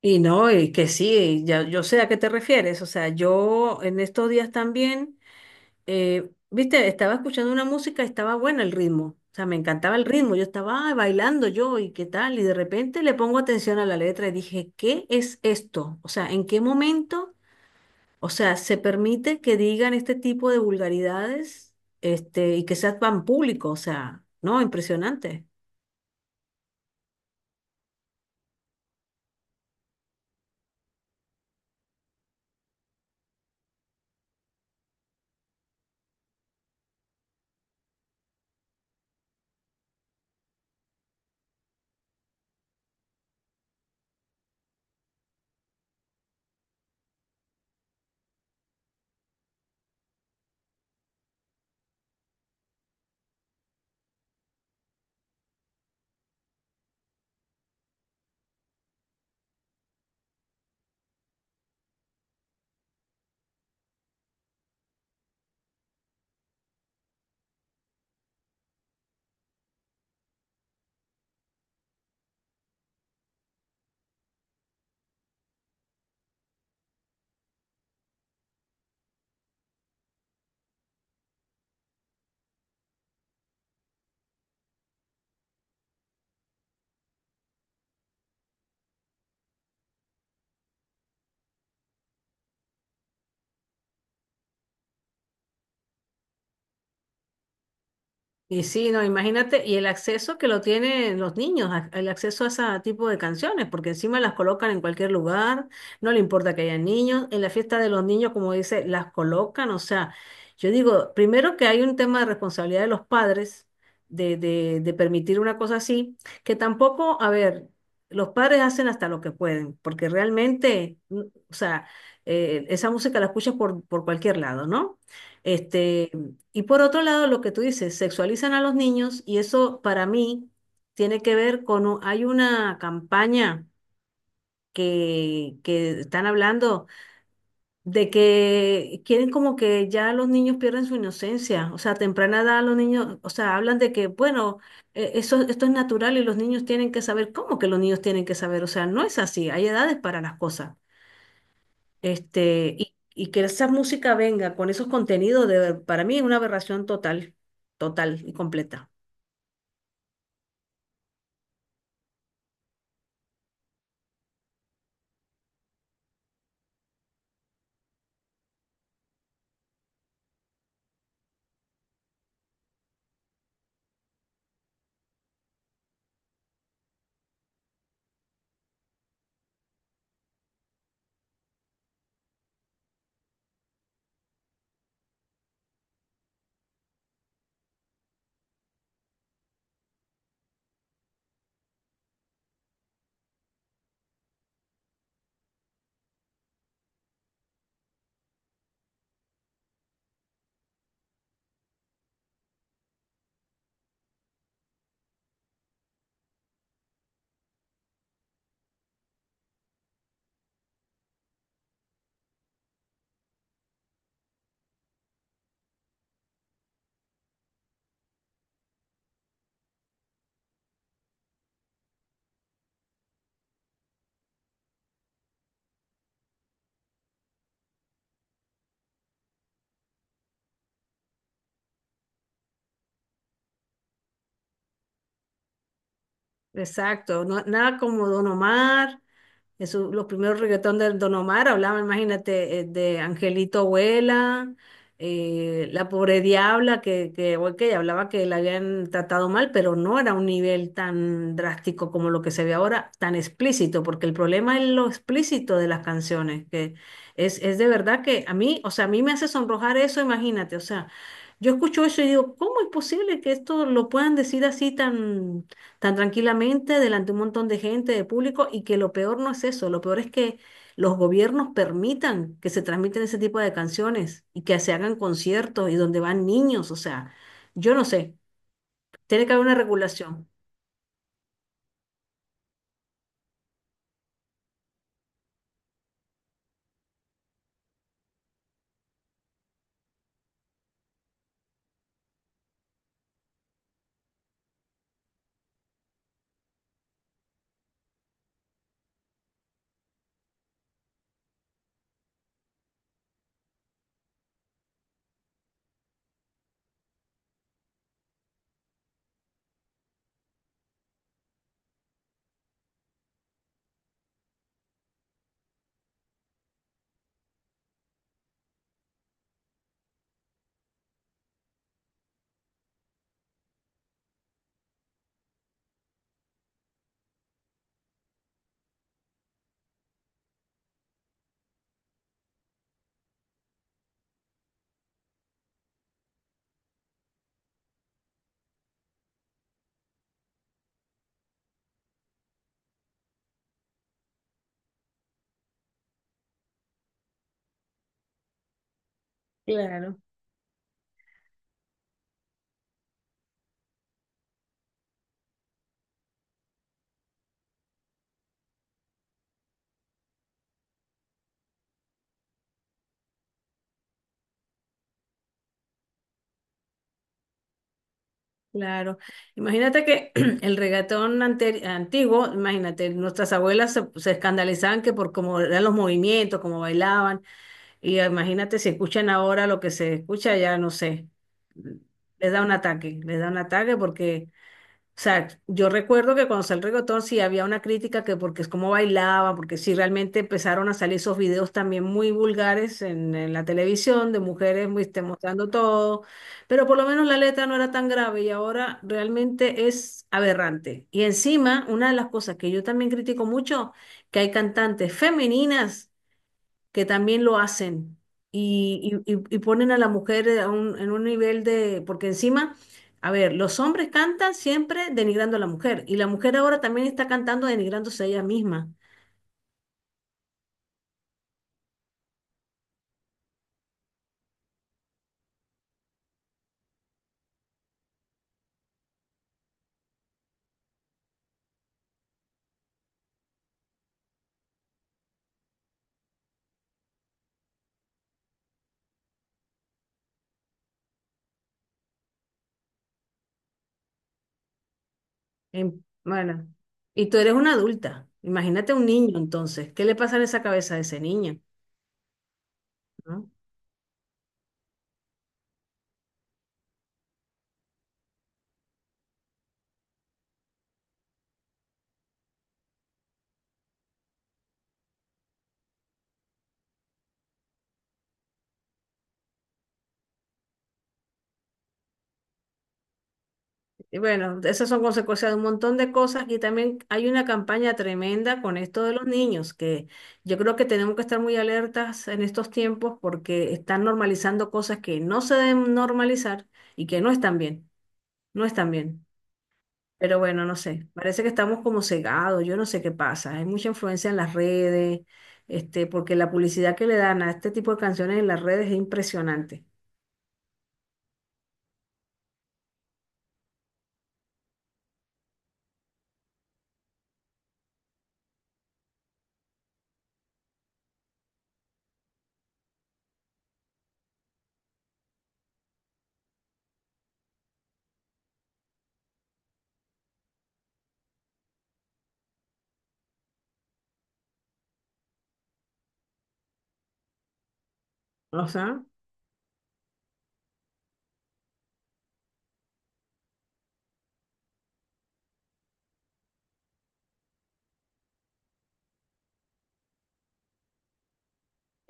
Y no, y que sí, ya, yo sé a qué te refieres. O sea, yo en estos días también, viste, estaba escuchando una música, y estaba bueno el ritmo. O sea, me encantaba el ritmo. Yo estaba "Ay, bailando yo y qué tal". Y de repente le pongo atención a la letra y dije, ¿qué es esto? O sea, ¿en qué momento? O sea, se permite que digan este tipo de vulgaridades, este, y que sea tan público. O sea, no, impresionante. Y sí, no, imagínate, y el acceso que lo tienen los niños, el acceso a ese tipo de canciones, porque encima las colocan en cualquier lugar, no le importa que haya niños, en la fiesta de los niños, como dice, las colocan, o sea, yo digo, primero que hay un tema de responsabilidad de los padres de permitir una cosa así, que tampoco, a ver, los padres hacen hasta lo que pueden, porque realmente, o sea, esa música la escuchas por cualquier lado, ¿no? Sí. Este, y por otro lado, lo que tú dices, sexualizan a los niños y eso para mí tiene que ver con, hay una campaña que están hablando de que quieren como que ya los niños pierden su inocencia, o sea, a temprana edad los niños, o sea, hablan de que, bueno, eso, esto es natural y los niños tienen que saber, ¿cómo que los niños tienen que saber? O sea, no es así, hay edades para las cosas. Este, y que esa música venga con esos contenidos, de, para mí es una aberración total, total y completa. Exacto, nada como Don Omar, eso, los primeros reggaetón de Don Omar hablaban, imagínate, de Angelito Abuela, la pobre diabla, que ok, hablaba que la habían tratado mal, pero no era un nivel tan drástico como lo que se ve ahora, tan explícito, porque el problema es lo explícito de las canciones, que es de verdad que a mí, o sea, a mí me hace sonrojar eso, imagínate, o sea, yo escucho eso y digo, ¿cómo es posible que esto lo puedan decir así tan tan tranquilamente delante de un montón de gente, de público, y que lo peor no es eso, lo peor es que los gobiernos permitan que se transmiten ese tipo de canciones y que se hagan conciertos y donde van niños, o sea, yo no sé, tiene que haber una regulación. Claro. Claro, imagínate que el reggaetón antiguo, imagínate, nuestras abuelas se escandalizaban que por cómo eran los movimientos, cómo bailaban, y imagínate si escuchan ahora lo que se escucha, ya no sé, les da un ataque, les da un ataque porque o sea, yo recuerdo que cuando salió el reggaetón sí había una crítica que porque es como bailaban, porque sí realmente empezaron a salir esos videos también muy vulgares en la televisión de mujeres muy, este, mostrando todo, pero por lo menos la letra no era tan grave y ahora realmente es aberrante. Y encima, una de las cosas que yo también critico mucho, que hay cantantes femeninas que también lo hacen y, y ponen a la mujer a en un nivel de, porque encima, a ver, los hombres cantan siempre denigrando a la mujer y la mujer ahora también está cantando denigrándose a ella misma. Bueno, y tú eres una adulta, imagínate un niño entonces, ¿qué le pasa en esa cabeza a ese niño? ¿No? Y bueno, esas son consecuencias de un montón de cosas y también hay una campaña tremenda con esto de los niños, que yo creo que tenemos que estar muy alertas en estos tiempos porque están normalizando cosas que no se deben normalizar y que no están bien, no están bien. Pero bueno, no sé, parece que estamos como cegados, yo no sé qué pasa, hay mucha influencia en las redes, este, porque la publicidad que le dan a este tipo de canciones en las redes es impresionante. ¿No? O sea.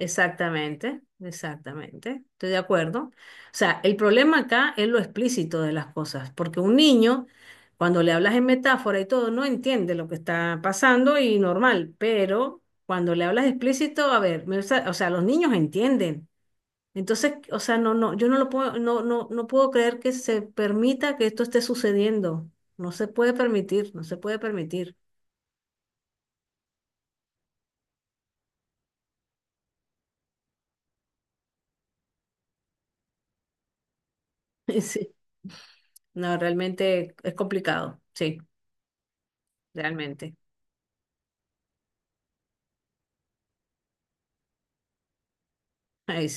Exactamente, exactamente. Estoy de acuerdo. O sea, el problema acá es lo explícito de las cosas, porque un niño, cuando le hablas en metáfora y todo, no entiende lo que está pasando y normal, pero cuando le hablas explícito, a ver, o sea, los niños entienden. Entonces, o sea, no, no, yo no lo puedo, no, no, no puedo creer que se permita que esto esté sucediendo. No se puede permitir, no se puede permitir. Sí. No, realmente es complicado, sí, realmente. Ay,